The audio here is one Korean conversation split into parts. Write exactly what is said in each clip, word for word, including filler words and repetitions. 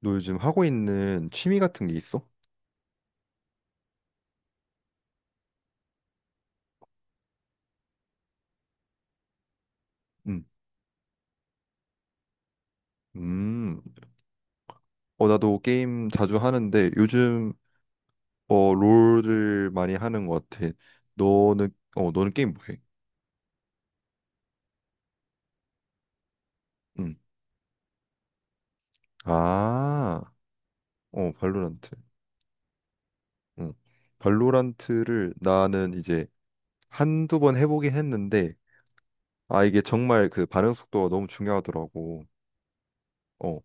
너 요즘 하고 있는 취미 같은 게 있어? 응. 음. 어, 나도 게임 자주 하는데 요즘 어, 롤을 많이 하는 것 같아. 너는 어, 너는 게임 뭐 해? 응. 아. 어, 발로란트. 응. 발로란트를 나는 이제 한두 번 해보긴 했는데 아, 이게 정말 그 반응 속도가 너무 중요하더라고. 어.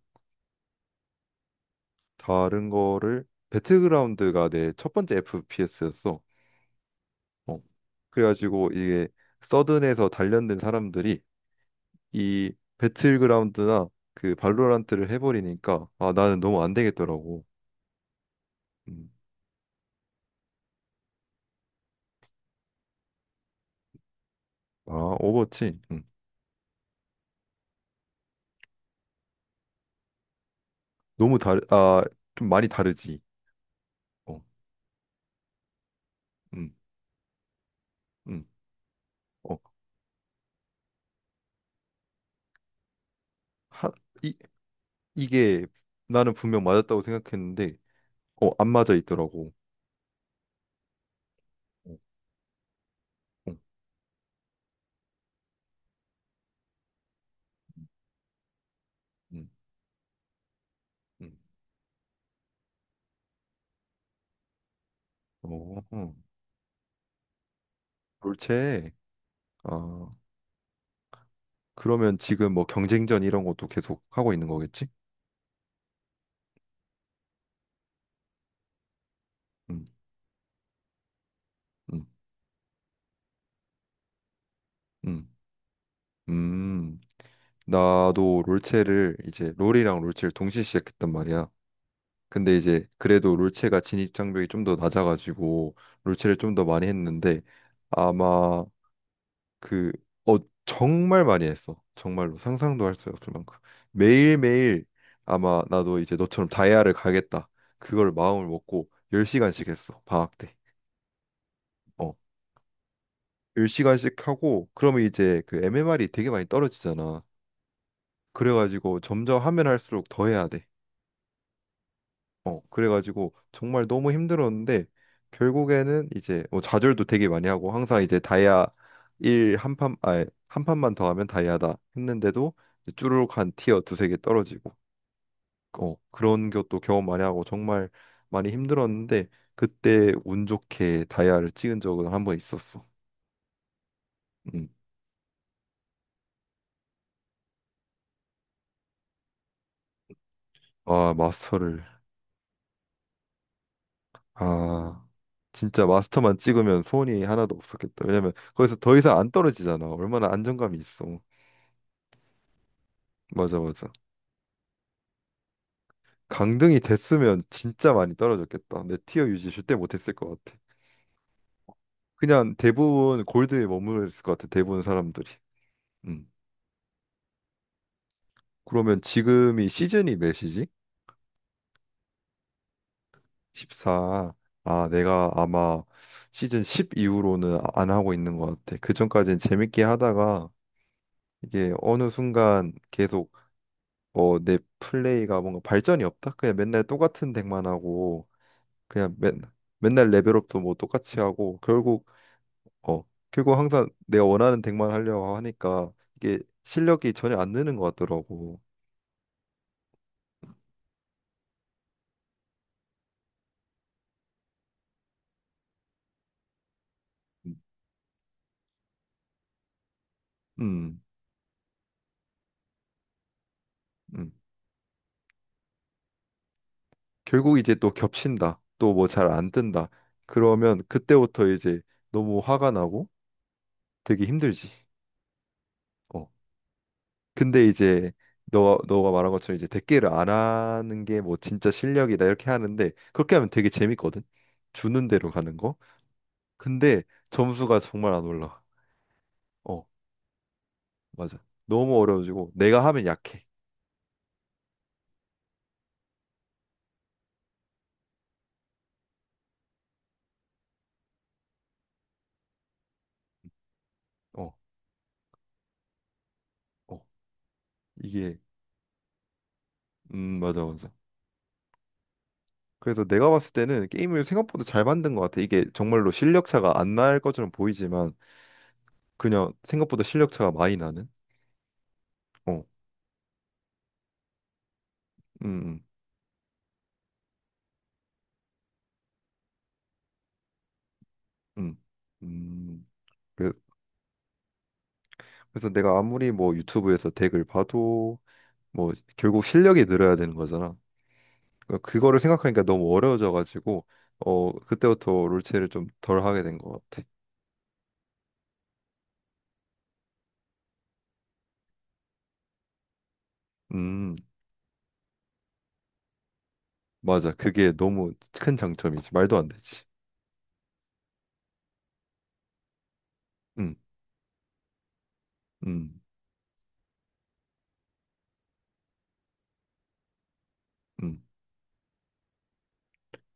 다른 거를 배틀그라운드가 내 첫 번째 에프피에스였어. 어. 그래가지고 이게 서든에서 단련된 사람들이 이 배틀그라운드나 그 발로란트를 해버리니까 아 나는 너무 안 되겠더라고. 음. 아 오버워치 음. 너무 다르 아 좀 많이 다르지. 어. 음. 음. 어. 하, 이 이게 나는 분명 맞았다고 생각했는데 어 안 맞아 있더라고. 어. 어, 음. 음. 어. 어. 롤체 아 그러면 지금 뭐 경쟁전 이런 것도 계속 하고 있는 거겠지? 음. 음. 음. 음, 나도 롤체를 이제 롤이랑 롤체를 동시에 시작했단 말이야. 근데 이제 그래도 롤체가 진입 장벽이 좀 더 낮아가지고 롤체를 좀 더 많이 했는데 아마 그 어, 정말 많이 했어. 정말로 상상도 할 수 없을 만큼 매일매일 아마 나도 이제 너처럼 다이아를 가겠다. 그걸 마음을 먹고 열 시간씩 했어. 방학 때. 어. 열 시간씩 하고 그러면 이제 그 엠엠알이 되게 많이 떨어지잖아. 그래가지고 점점 하면 할수록 더 해야 돼. 어, 그래가지고 정말 너무 힘들었는데 결국에는 이제 뭐 좌절도 되게 많이 하고 항상 이제 다이아 일 한 판, 아니 한 판만 더 하면 다이아다 했는데도 이제 쭈루룩 한 티어 두세 개 떨어지고 어, 그런 것도 경험 많이 하고 정말 많이 힘들었는데 그때 운 좋게 다이아를 찍은 적은 한 번 있었어. 음. 아, 마스터를 아 진짜 마스터만 찍으면 소원이 하나도 없었겠다. 왜냐면 거기서 더 이상 안 떨어지잖아. 얼마나 안정감이 있어. 맞아, 맞아. 강등이 됐으면 진짜 많이 떨어졌겠다. 내 티어 유지 절대 못했을 것 같아. 그냥 대부분 골드에 머무르겠을 것 같아. 대부분 사람들이. 음. 그러면 지금이 시즌이 몇이지? 십사. 아, 내가 아마 시즌 십 이후로는 아- 안 하고 있는 것 같아. 그 전까지는 재밌게 하다가 이게 어느 순간 계속 어, 내 플레이가 뭔가 발전이 없다. 그냥 맨날 똑같은 덱만 하고 그냥 맨, 맨날 레벨업도 뭐 똑같이 하고 결국 어, 그리고 항상 내가 원하는 덱만 하려고 하니까 이게 실력이 전혀 안 느는 것 같더라고. 음, 음. 음. 결국 이제 또 겹친다. 또 뭐 잘 안 뜬다. 그러면 그때부터 이제 너무 화가 나고 되게 힘들지. 어. 근데 이제 너가 너가 말한 것처럼 이제 덱기를 안 하는 게 뭐 진짜 실력이다 이렇게 하는데 그렇게 하면 되게 재밌거든. 주는 대로 가는 거. 근데 점수가 정말 안 올라. 어, 맞아. 너무 어려워지고 내가 하면 약해. 어. 어. 이게 음 맞아 맞아. 그래서 내가 봤을 때는 게임을 생각보다 잘 만든 것 같아. 이게 정말로 실력 차가 안 날 것처럼 보이지만 그냥 생각보다 실력 차가 많이 나는. 어, 음, 음, 음. 음. 그래- 그래서 내가 아무리 뭐 유튜브에서 덱을 봐도 뭐 결국 실력이 늘어야 되는 거잖아. 그 그거를 생각하니까 너무 어려워져가지고 어 그때부터 롤체를 좀 덜 하게 된 것 같아. 음 맞아. 그게 너무 큰 장점이지. 말도 안 되지. 음, 음, 음.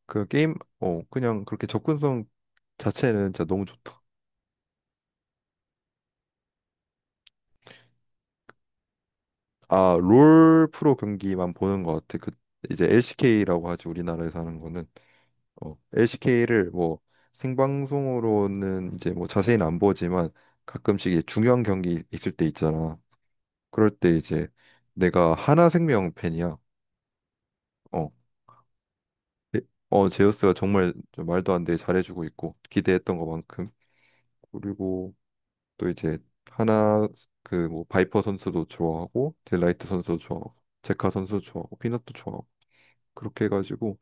그 게임 어 그냥 그렇게 접근성 자체는 진짜 너무 좋다. 아, 롤 프로 경기만 보는 것 같아. 그 이제 엘씨케이라고 하지 우리나라에서 하는 거는 어, 엘씨케이를 뭐 생방송으로는 이제 뭐 자세히는 안 보지만 가끔씩 이제 중요한 경기 있을 때 있잖아. 그럴 때 이제 내가 하나생명 팬이야. 어, 에- 어 제우스가 정말 좀 말도 안 되게 잘해주고 있고 기대했던 것만큼 그리고 또 이제 하나 그 뭐 바이퍼 선수도 좋아하고 델라이트 선수도 좋아하고 제카 선수도 좋아하고 피넛도 좋아하고 그렇게 해가지고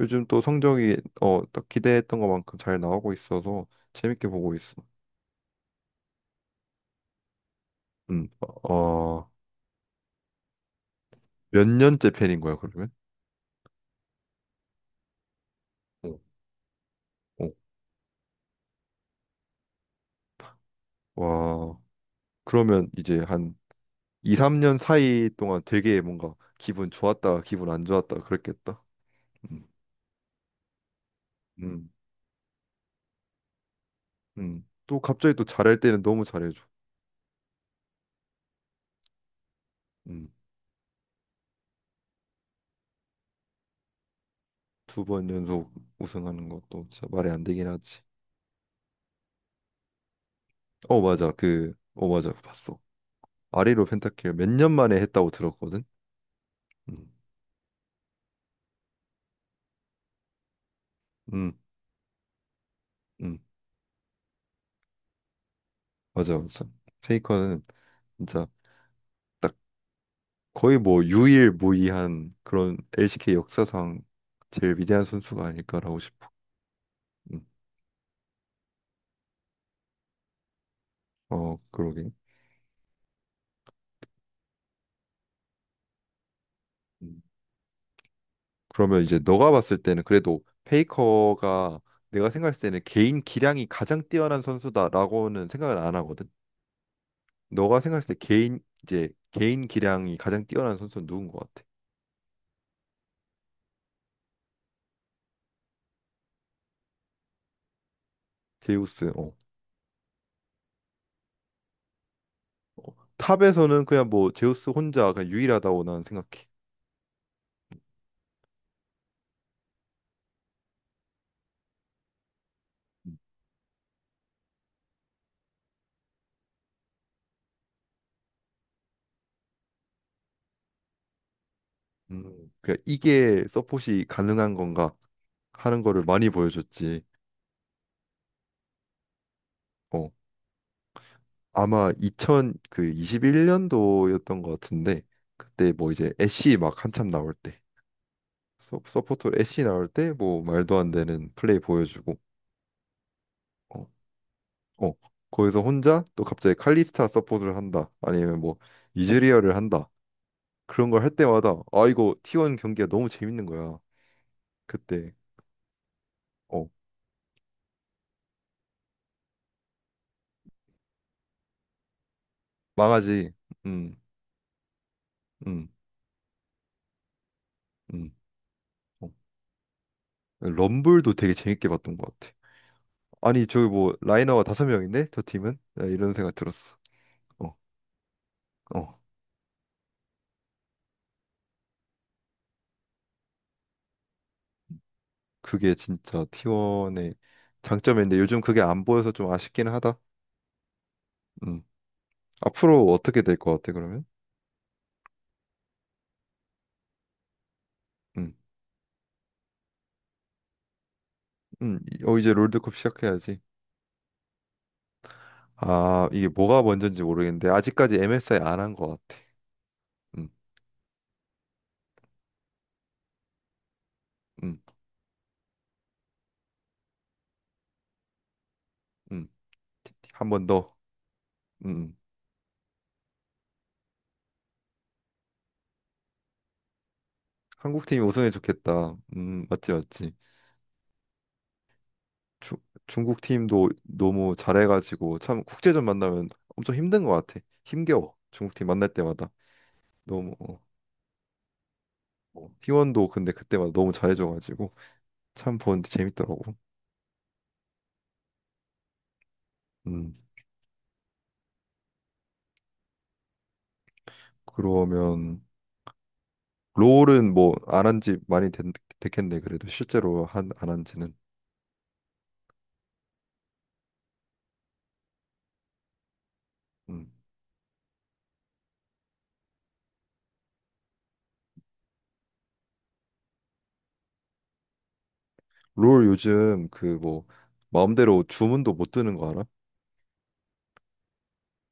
요즘 또 성적이 어 딱 기대했던 것만큼 잘 나오고 있어서 재밌게 보고 있어. 음, 어, 몇 년째 팬인 거야 그러면? 어. 어. 와, 그러면 이제 한 이, 삼 년 사이 동안 되게 뭔가 기분 좋았다가 기분 안 좋았다가 그랬겠다. 음, 음, 음. 또 갑자기 또 잘할 때는 너무 잘해줘. 음. 두 번 연속 우승하는 것도 진짜 말이 안 되긴 하지. 어 맞아 그 어 맞아 봤어. 아리로 펜타킬 몇 년 만에 했다고 들었거든. 음, 음, 음 맞아 맞아. 페이커는 진짜 딱 거의 뭐 유일무이한 그런 엘씨케이 역사상 제일 위대한 선수가 아닐까라고 싶어. 음, 어 그러게. 음. 그러면 이제 너가 봤을 때는 그래도 페이커가 내가 생각했을 때는 개인 기량이 가장 뛰어난 선수다라고는 생각을 안 하거든. 너가 생각했을 때 개인 이제 개인 기량이 가장 뛰어난 선수는 누군 것 같아? 제우스. 어. 어. 탑에서는 그냥 뭐 제우스 혼자 그냥 유일하다고 나는 생각해. 음. 음. 그냥 이게 서폿이 가능한 건가 하는 거를 많이 보여줬지. 어. 아마 이천이십일 년도였던 것 같은데 그때 뭐 이제 애쉬 막 한참 나올 때 서, 서포터로 애쉬 나올 때 뭐 말도 안 되는 플레이 보여주고 어. 어, 거기서 혼자 또 갑자기 칼리스타 서포트를 한다. 아니면 뭐 이즈리얼을 한다. 그런 걸 할 때마다 아 이거 티원 경기가 너무 재밌는 거야. 그때 어, 망하지. 음, 음, 음. 어. 럼블도 되게 재밌게 봤던 것 같아. 아니 저기 뭐 라이너가 다섯 명인데 저 팀은 야, 이런 생각 들었어. 어, 어. 그게 진짜 티원의 장점인데 요즘 그게 안 보여서 좀 아쉽긴 하다. 음. 앞으로 어떻게 될 것 같아 그러면? 음, 음. 이- 어 이제 롤드컵 시작해야지. 아, 이게 뭐가 먼저인지 모르겠는데 아직까지 엠에스아이 안 한 것 같아. 음, 음, 음. 한 번 더. 음. 음. 한국 팀이 우승해 좋겠다. 음, 맞지, 맞지. 주, 중국 팀도 너무 잘해가지고 참 국제전 만나면 엄청 힘든 것 같아. 힘겨워. 중국 팀 만날 때마다 너무 어, 어. 티원도 근데 그때마다 너무 잘해줘가지고 참 보는데 재밌더라고. 음. 그러면 롤은 뭐 안 한 지 많이 됐, 됐겠네. 그래도 실제로 한 안 한지는. 롤 요즘 그 뭐 마음대로 주문도 못 뜨는 거 알아?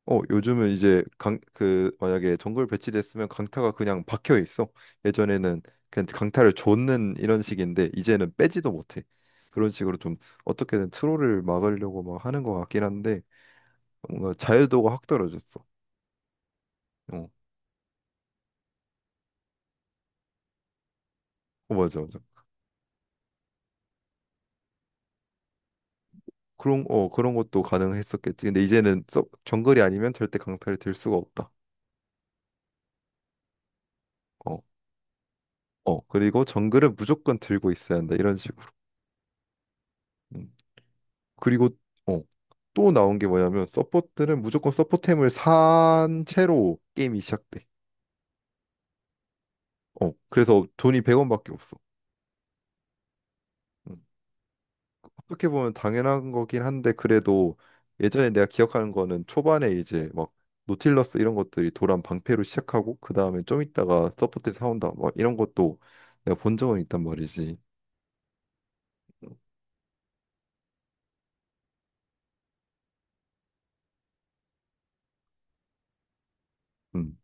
어 요즘은 이제 강 그 만약에 정글 배치됐으면 강타가 그냥 박혀 있어. 예전에는 그냥 강타를 줬는 이런 식인데 이제는 빼지도 못해. 그런 식으로 좀 어떻게든 트롤을 막으려고 막 하는 것 같긴 한데 뭔가 자유도가 확 떨어졌어. 어, 어 맞아 맞아. 그런 어 그런 것도 가능했었겠지. 근데 이제는 서- 정글이 아니면 절대 강타를 들 수가 없다. 어 어 그리고 정글은 무조건 들고 있어야 한다 이런 식으로. 음. 그리고 어, 또 나온 게 뭐냐면 서포트는 무조건 서포템을 산 채로 게임이 시작돼. 어, 그래서 돈이 백 원밖에 없어. 음, 어떻게 보면 당연한 거긴 한데 그래도 예전에 내가 기억하는 거는 초반에 이제 막 노틸러스 이런 것들이 도란 방패로 시작하고 그 다음에 좀 있다가 서포트 사온다 막 이런 것도 내가 본 적은 있단 말이지. 음.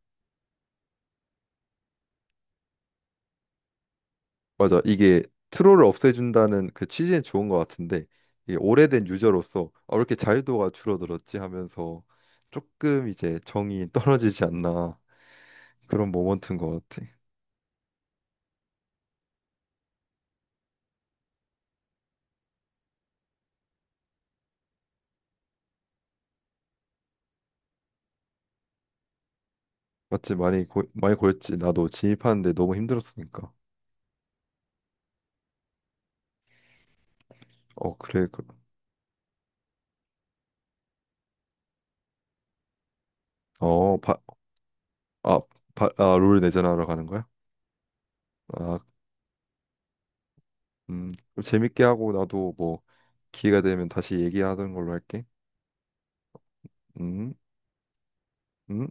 맞아. 이게 트롤을 없애준다는 그 취지는 좋은 것 같은데 이게 오래된 유저로서 아, 왜 이렇게 자유도가 줄어들었지 하면서 조금 이제 정이 떨어지지 않나 그런 모먼트인 것 같아. 맞지? 많이 고, 많이 고였지. 나도 진입하는데 너무 힘들었으니까. 어 그래. 그- 어 바, 아, 바, 아, 롤 내전하러 가는 거야? 아, 음. 그럼 재밌게 하고 나도 뭐 기회가 되면 다시 얘기하던 걸로 할게. 음, 음.